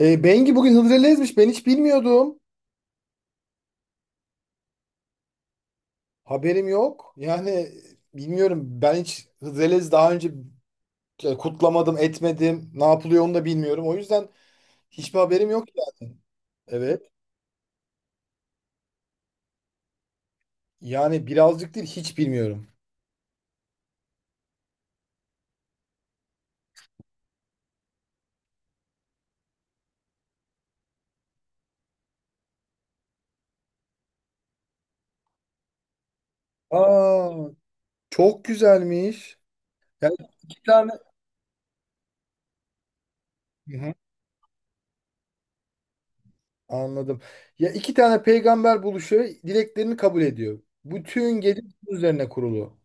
Bengi bugün Hıdrellez'miş. Ben hiç bilmiyordum. Haberim yok. Yani bilmiyorum. Ben hiç Hıdrellez daha önce kutlamadım, etmedim. Ne yapılıyor onu da bilmiyorum. O yüzden hiçbir haberim yok yani. Evet. Yani birazcık değil, hiç bilmiyorum. Aa, çok güzelmiş. Yani iki tane. Hı hı, anladım. Ya iki tane peygamber buluşuyor, dileklerini kabul ediyor. Bütün gece bunun üzerine kurulu.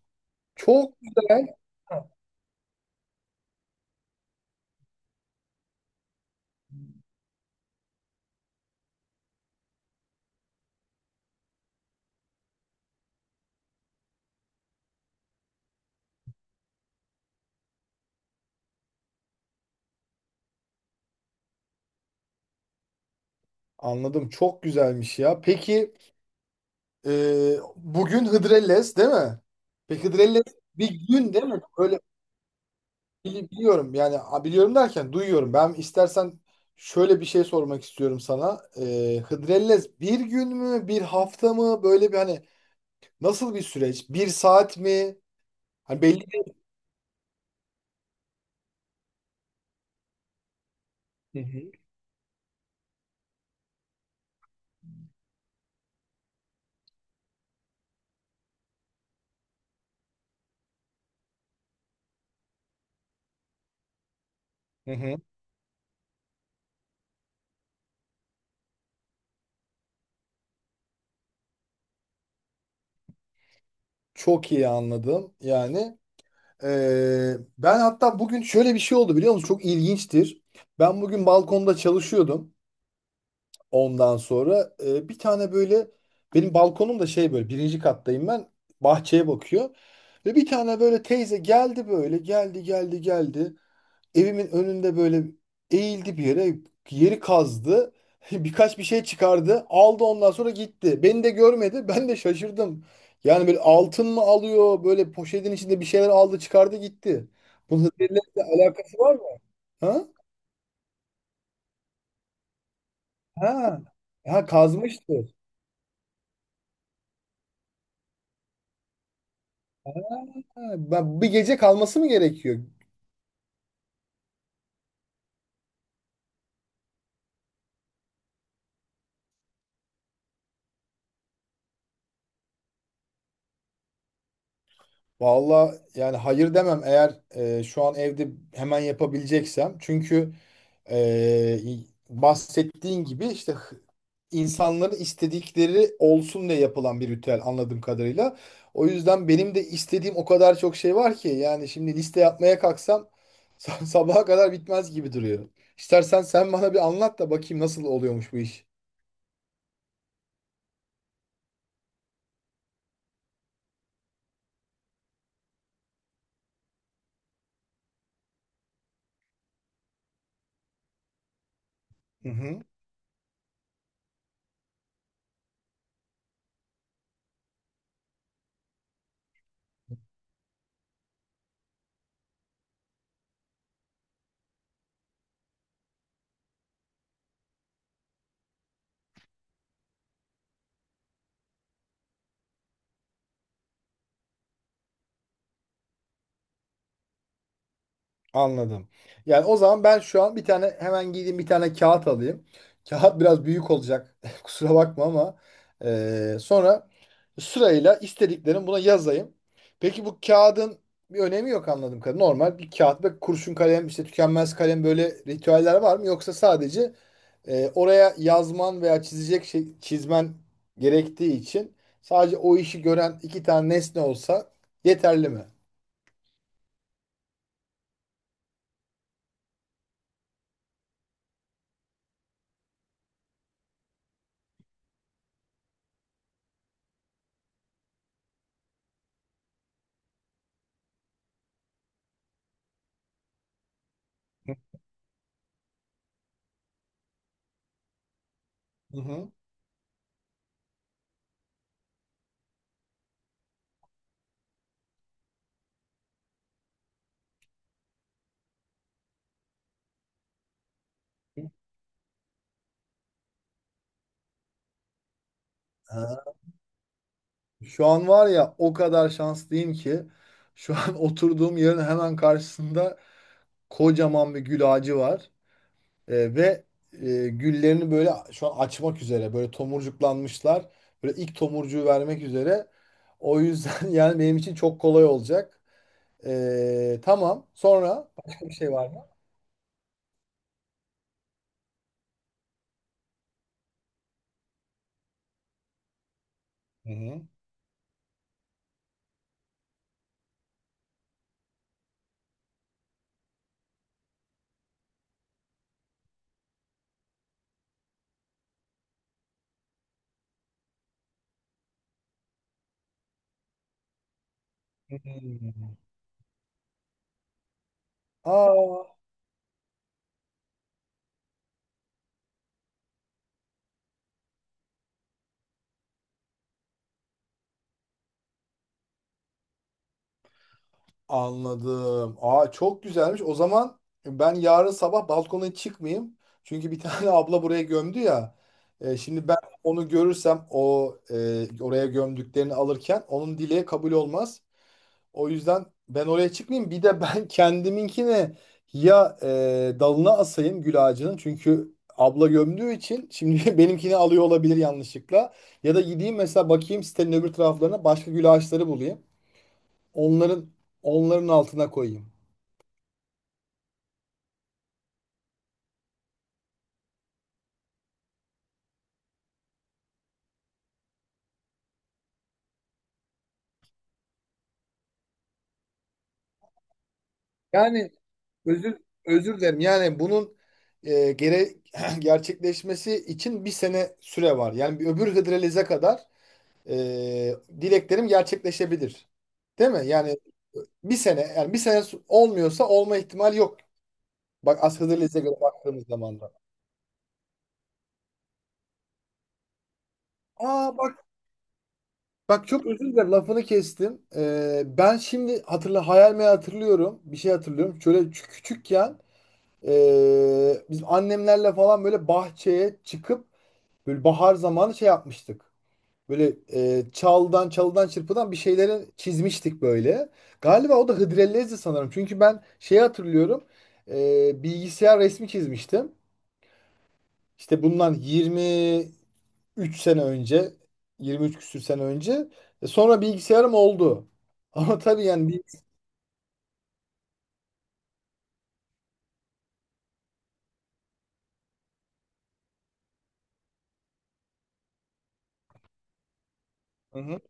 Çok güzel. Anladım. Çok güzelmiş ya. Peki. Bugün Hıdrellez değil mi? Peki Hıdrellez bir gün değil mi? Öyle biliyorum yani, a, biliyorum derken duyuyorum. Ben istersen şöyle bir şey sormak istiyorum sana. Hıdrellez bir gün mü bir hafta mı böyle bir, hani nasıl bir süreç? Bir saat mi? Hani belli değil. Hı hı. Hı hı. Çok iyi anladım yani. Ben hatta bugün şöyle bir şey oldu biliyor musun? Çok ilginçtir. Ben bugün balkonda çalışıyordum. Ondan sonra bir tane böyle, benim balkonum da şey, böyle birinci kattayım ben, bahçeye bakıyor. Ve bir tane böyle teyze geldi, böyle geldi geldi geldi. Evimin önünde böyle eğildi bir yere, yeri kazdı. Birkaç bir şey çıkardı, aldı, ondan sonra gitti. Beni de görmedi, ben de şaşırdım. Yani böyle altın mı alıyor, böyle poşetin içinde bir şeyler aldı, çıkardı, gitti. Bunun hızıyla alakası var mı? Ha? Ha. Ha, kazmıştı. Ha, ben bir gece kalması mı gerekiyor? Valla yani hayır demem, eğer şu an evde hemen yapabileceksem. Çünkü e, bahsettiğin gibi işte, insanların istedikleri olsun diye yapılan bir ritüel anladığım kadarıyla. O yüzden benim de istediğim o kadar çok şey var ki, yani şimdi liste yapmaya kalksam sabaha kadar bitmez gibi duruyor. İstersen sen bana bir anlat da bakayım nasıl oluyormuş bu iş. Hı hı. Anladım. Yani o zaman ben şu an bir tane hemen gideyim, bir tane kağıt alayım. Kağıt biraz büyük olacak. Kusura bakma ama sonra sırayla istediklerimi buna yazayım. Peki bu kağıdın bir önemi yok anladım kadarıyla. Normal bir kağıt ve kurşun kalem, işte tükenmez kalem, böyle ritüeller var mı? Yoksa sadece oraya yazman veya çizecek şey çizmen gerektiği için, sadece o işi gören iki tane nesne olsa yeterli mi? Hı hı. Şu an var ya, o kadar şanslıyım ki şu an oturduğum yerin hemen karşısında kocaman bir gül ağacı var. Ve güllerini böyle şu an açmak üzere, böyle tomurcuklanmışlar. Böyle ilk tomurcuğu vermek üzere. O yüzden yani benim için çok kolay olacak. Tamam. Sonra başka bir şey var mı? Hı hı. Hmm. Aa. Anladım. Aa, çok güzelmiş. O zaman ben yarın sabah balkona çıkmayayım. Çünkü bir tane abla buraya gömdü ya. E, şimdi ben onu görürsem, o oraya gömdüklerini alırken onun dileği kabul olmaz. O yüzden ben oraya çıkmayayım. Bir de ben kendiminkini ya dalına asayım gül ağacının. Çünkü abla gömdüğü için şimdi benimkini alıyor olabilir yanlışlıkla. Ya da gideyim mesela, bakayım sitenin öbür taraflarına, başka gül ağaçları bulayım. Onların Onların altına koyayım. Yani özür dilerim. Yani bunun e, gere gerçekleşmesi için bir sene süre var. Yani bir öbür Hıdrellez'e kadar e, dileklerim gerçekleşebilir. Değil mi? Yani bir sene, yani bir sene olmuyorsa olma ihtimali yok. Bak as Hıdrellez'e göre baktığımız zaman da. Aa bak, bak çok özür dilerim lafını kestim. Ben şimdi hayal meyal hatırlıyorum. Bir şey hatırlıyorum. Şöyle küçükken biz annemlerle falan böyle bahçeye çıkıp, böyle bahar zamanı şey yapmıştık. Böyle çalıdan çırpıdan bir şeyleri çizmiştik böyle. Galiba o da Hıdrellez'di sanırım. Çünkü ben şeyi hatırlıyorum. E, bilgisayar resmi çizmiştim. İşte bundan 23 sene önce. 23 küsür sene önce. E, sonra bilgisayarım oldu. Ama tabii yani bir... Hı hı.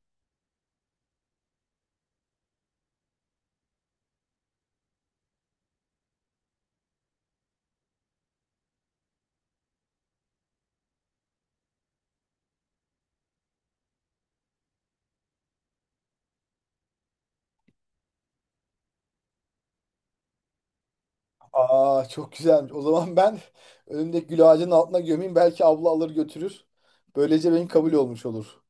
Aa, çok güzelmiş. O zaman ben önümdeki gül ağacının altına gömeyim. Belki abla alır götürür. Böylece benim kabul olmuş olur.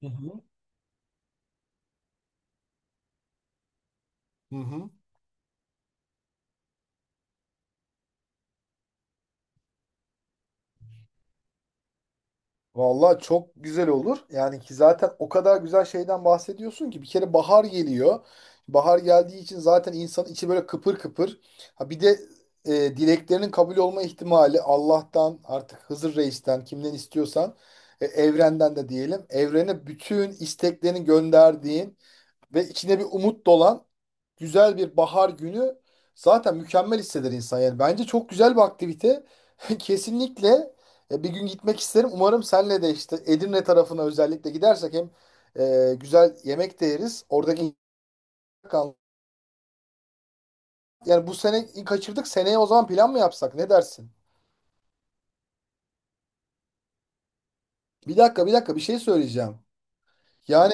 Hı hı. Hı hı. Vallahi çok güzel olur. Yani ki zaten o kadar güzel şeyden bahsediyorsun ki, bir kere bahar geliyor. Bahar geldiği için zaten insanın içi böyle kıpır kıpır. Ha bir de dileklerinin kabul olma ihtimali, Allah'tan artık, Hızır Reis'ten, kimden istiyorsan, evrenden de diyelim. Evrene bütün isteklerini gönderdiğin ve içine bir umut dolan güzel bir bahar günü zaten mükemmel hisseder insan. Yani bence çok güzel bir aktivite. Kesinlikle bir gün gitmek isterim. Umarım senle de işte Edirne tarafına özellikle gidersek hem güzel yemek de yeriz. Oradaki, yani bu sene kaçırdık. Seneye o zaman plan mı yapsak? Ne dersin? Bir dakika, bir dakika, bir şey söyleyeceğim. Yani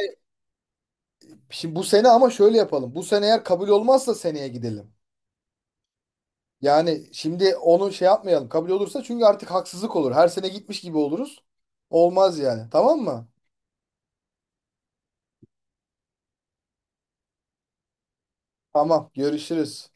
şimdi bu sene ama şöyle yapalım. Bu sene eğer kabul olmazsa seneye gidelim. Yani şimdi onu şey yapmayalım. Kabul olursa çünkü artık haksızlık olur. Her sene gitmiş gibi oluruz. Olmaz yani. Tamam mı? Tamam. Görüşürüz.